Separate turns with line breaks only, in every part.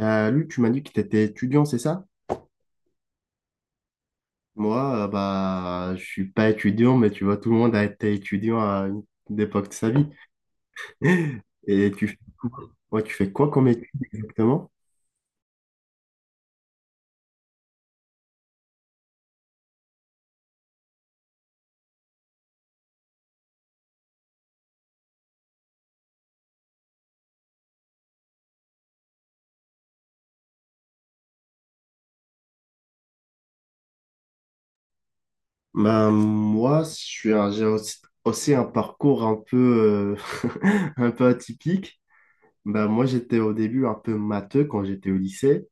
Luc, tu m'as dit que tu étais étudiant, c'est ça? Moi, je suis pas étudiant, mais tu vois, tout le monde a été étudiant à une époque de sa vie. Et tu fais quoi? Ouais, tu fais quoi comme étude exactement? Moi, j'ai aussi, aussi un parcours un peu, un peu atypique. Bah, moi, j'étais au début un peu matheux quand j'étais au lycée,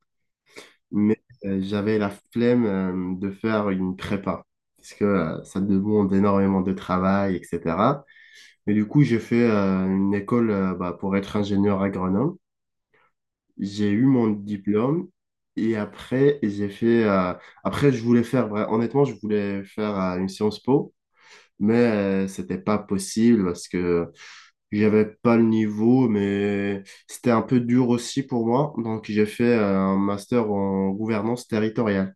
mais j'avais la flemme de faire une prépa, parce que ça demande énormément de travail, etc. Mais du coup, j'ai fait une école pour être ingénieur agronome. J'ai eu mon diplôme et après, je voulais honnêtement, je voulais faire une Sciences Po, mais c'était pas possible parce que j'avais pas le niveau, mais c'était un peu dur aussi pour moi. Donc, j'ai fait un master en gouvernance territoriale.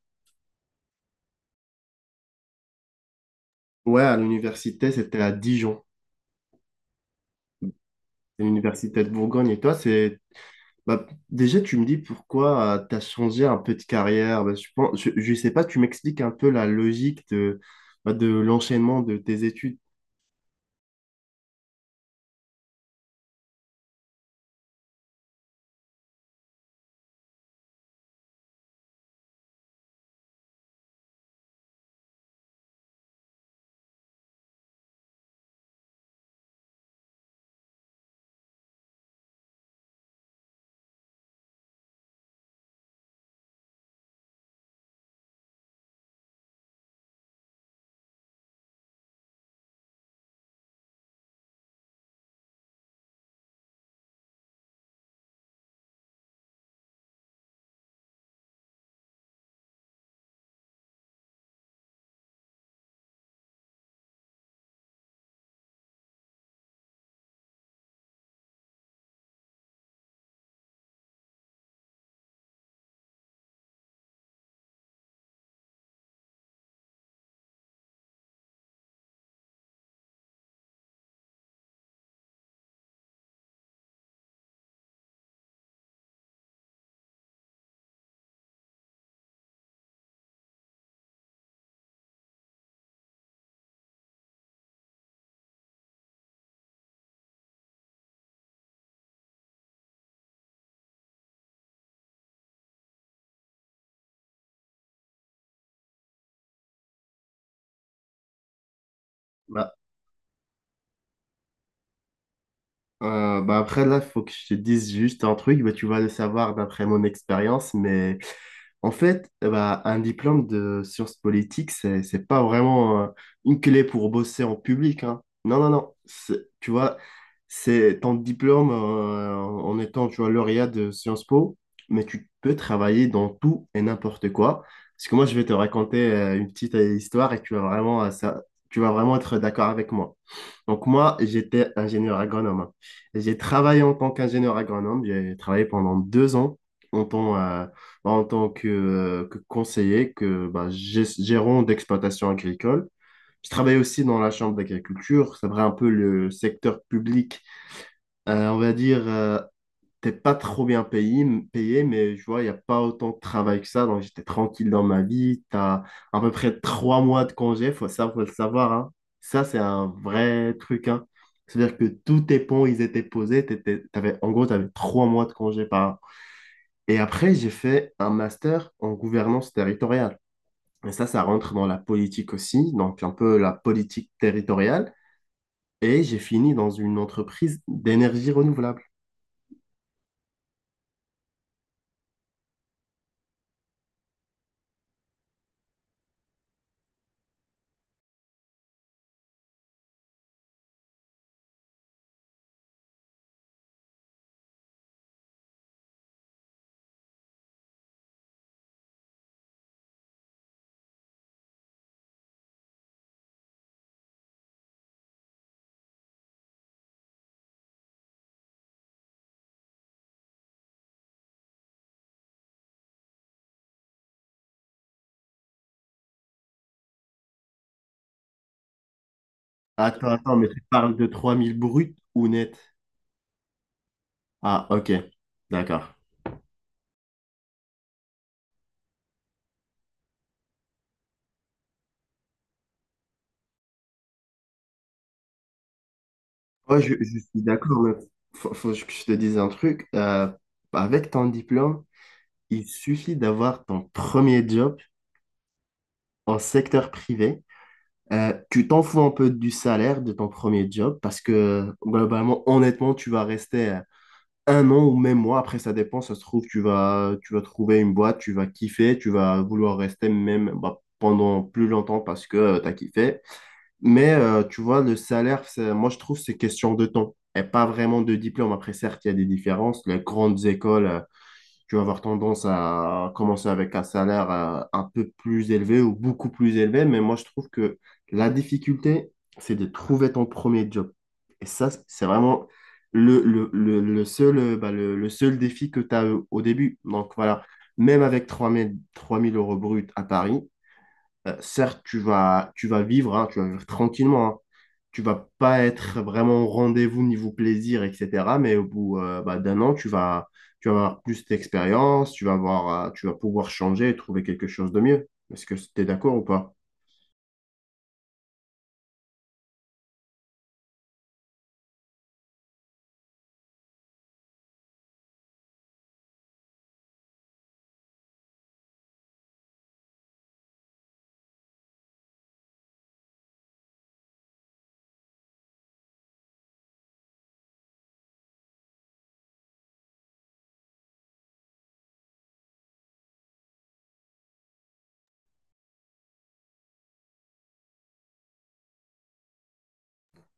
Ouais, à l'université, c'était à Dijon, c'est l'université de Bourgogne. Et toi, c'est bah, déjà, tu me dis pourquoi tu as changé un peu de carrière. Bah, je pense, je sais pas, tu m'expliques un peu la logique de, bah, de l'enchaînement de tes études. Bah, bah après, là, il faut que je te dise juste un truc. Bah, tu vas le savoir d'après mon expérience, mais en fait, un diplôme de sciences politiques, c'est pas vraiment une clé pour bosser en public, hein. Non, non, non. C'est tu vois, c'est ton diplôme en étant, tu vois, lauréat de Sciences Po, mais tu peux travailler dans tout et n'importe quoi. Parce que moi, je vais te raconter une petite histoire et tu vas vraiment, ça, tu vas vraiment être d'accord avec moi. Donc moi, j'étais ingénieur agronome. J'ai travaillé en tant qu'ingénieur agronome. J'ai travaillé pendant 2 ans en tant que conseiller, que bah, gérant d'exploitation agricole. Je travaillais aussi dans la chambre d'agriculture. C'est vrai un peu le secteur public, on va dire, t'es pas trop bien payé mais je vois, il n'y a pas autant de travail que ça. Donc, j'étais tranquille dans ma vie. Tu as à peu près 3 mois de congé, faut ça, faut le savoir, hein. Ça, c'est un vrai truc, hein. C'est-à-dire que tous tes ponts, ils étaient posés. T'avais, en gros, tu avais 3 mois de congé par an. Et après, j'ai fait un master en gouvernance territoriale. Et ça rentre dans la politique aussi, donc un peu la politique territoriale. Et j'ai fini dans une entreprise d'énergie renouvelable. Attends, attends, mais tu parles de 3000 bruts ou net? Ah, ok, d'accord. Ouais, je suis d'accord, mais faut, faut que je te dise un truc. Avec ton diplôme, il suffit d'avoir ton premier job en secteur privé. Tu t'en fous un peu du salaire de ton premier job parce que globalement, honnêtement, tu vas rester un an ou même mois. Après, ça dépend, ça se trouve, tu vas trouver une boîte, tu vas kiffer, tu vas vouloir rester même bah, pendant plus longtemps parce que tu as kiffé. Mais tu vois, le salaire, c'est moi je trouve c'est question de temps et pas vraiment de diplôme. Après, certes, il y a des différences. Les grandes écoles, tu vas avoir tendance à commencer avec un salaire un peu plus élevé ou beaucoup plus élevé. Mais moi je trouve que la difficulté, c'est de trouver ton premier job. Et ça, c'est vraiment le seul, le seul défi que tu as au début. Donc voilà, même avec 3000 euros bruts à Paris, certes, tu vas vivre, hein, tu vas vivre tranquillement, hein. Tu vas pas être vraiment au rendez-vous niveau plaisir, etc. Mais au bout d'un an, tu vas avoir plus d'expérience, tu vas pouvoir changer et trouver quelque chose de mieux. Est-ce que tu es d'accord ou pas?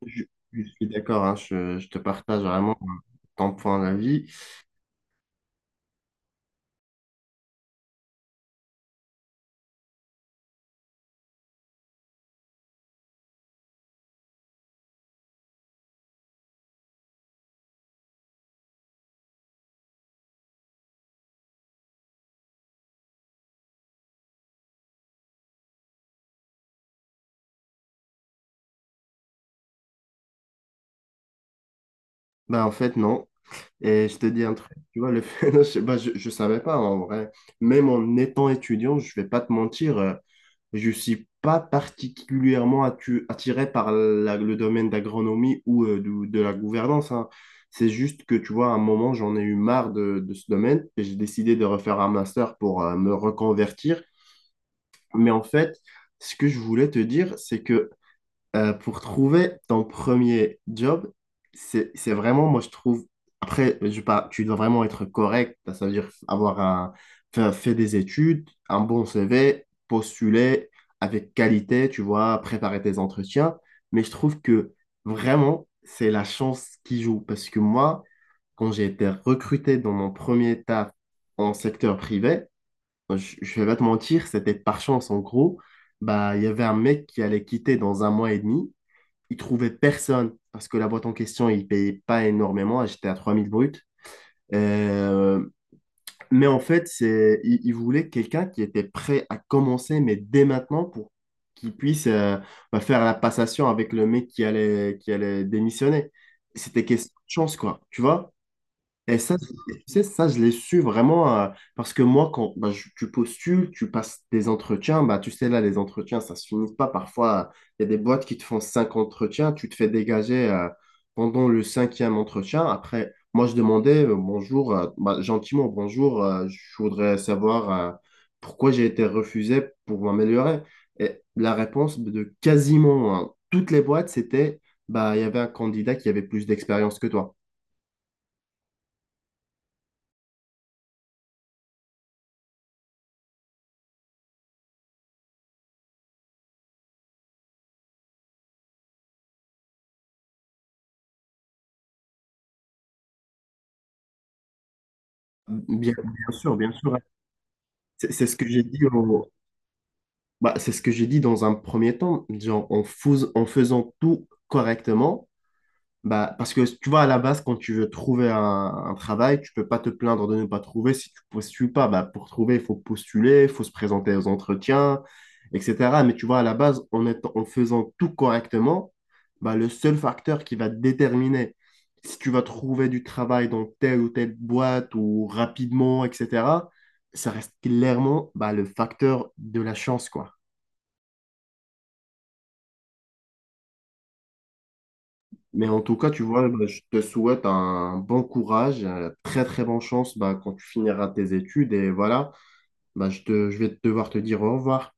Je, je suis d'accord, hein, je te partage vraiment ton point d'avis. Bah, en fait, non. Et je te dis un truc, tu vois, le fait, je savais pas en vrai. Même en étant étudiant, je vais pas te mentir. Je suis pas particulièrement attiré par le domaine d'agronomie ou la gouvernance, hein. C'est juste que, tu vois, à un moment, j'en ai eu marre de ce domaine et j'ai décidé de refaire un master pour me reconvertir. Mais en fait, ce que je voulais te dire, c'est que pour trouver ton premier job, c'est vraiment, moi je trouve, après, je pas, tu dois vraiment être correct, ça veut dire fait des études, un bon CV, postuler avec qualité, tu vois, préparer tes entretiens, mais je trouve que vraiment, c'est la chance qui joue, parce que moi, quand j'ai été recruté dans mon premier taf en secteur privé, je, je vais pas te mentir, c'était par chance en gros. Bah, il y avait un mec qui allait quitter dans un mois et demi ils trouvaient personne parce que la boîte en question, ils ne payaient pas énormément. J'étais à 3000 bruts. Euh, mais en fait, ils voulaient quelqu'un qui était prêt à commencer, mais dès maintenant, pour qu'il puisse faire la passation avec le mec qui allait démissionner. C'était question de chance, quoi. Tu vois? Et ça, c'est tu sais, ça, je l'ai su vraiment parce que moi, quand bah, tu postules, tu passes des entretiens, bah, tu sais, là, les entretiens, ça se finit pas. Parfois, il y a des boîtes qui te font 5 entretiens, tu te fais dégager pendant le cinquième entretien. Après, moi, je demandais bonjour, gentiment, bonjour, je voudrais savoir pourquoi j'ai été refusé pour m'améliorer. Et la réponse de quasiment hein, toutes les boîtes, c'était bah, il y avait un candidat qui avait plus d'expérience que toi. Bien, bien sûr, bien sûr. C'est ce que j'ai dit au- bah, c'est ce que j'ai dit dans un premier temps. Genre, en faisant tout correctement, bah, parce que tu vois, à la base, quand tu veux trouver un travail, tu peux pas te plaindre de ne pas trouver si tu postules pas. Bah, pour trouver, il faut postuler, il faut se présenter aux entretiens, etc. Mais tu vois, à la base, en faisant tout correctement, bah, le seul facteur qui va déterminer si tu vas trouver du travail dans telle ou telle boîte ou rapidement, etc., ça reste clairement bah, le facteur de la chance, quoi. Mais en tout cas, tu vois, bah, je te souhaite un bon courage, très très bonne chance bah, quand tu finiras tes études. Et voilà, bah, je vais devoir te dire au revoir.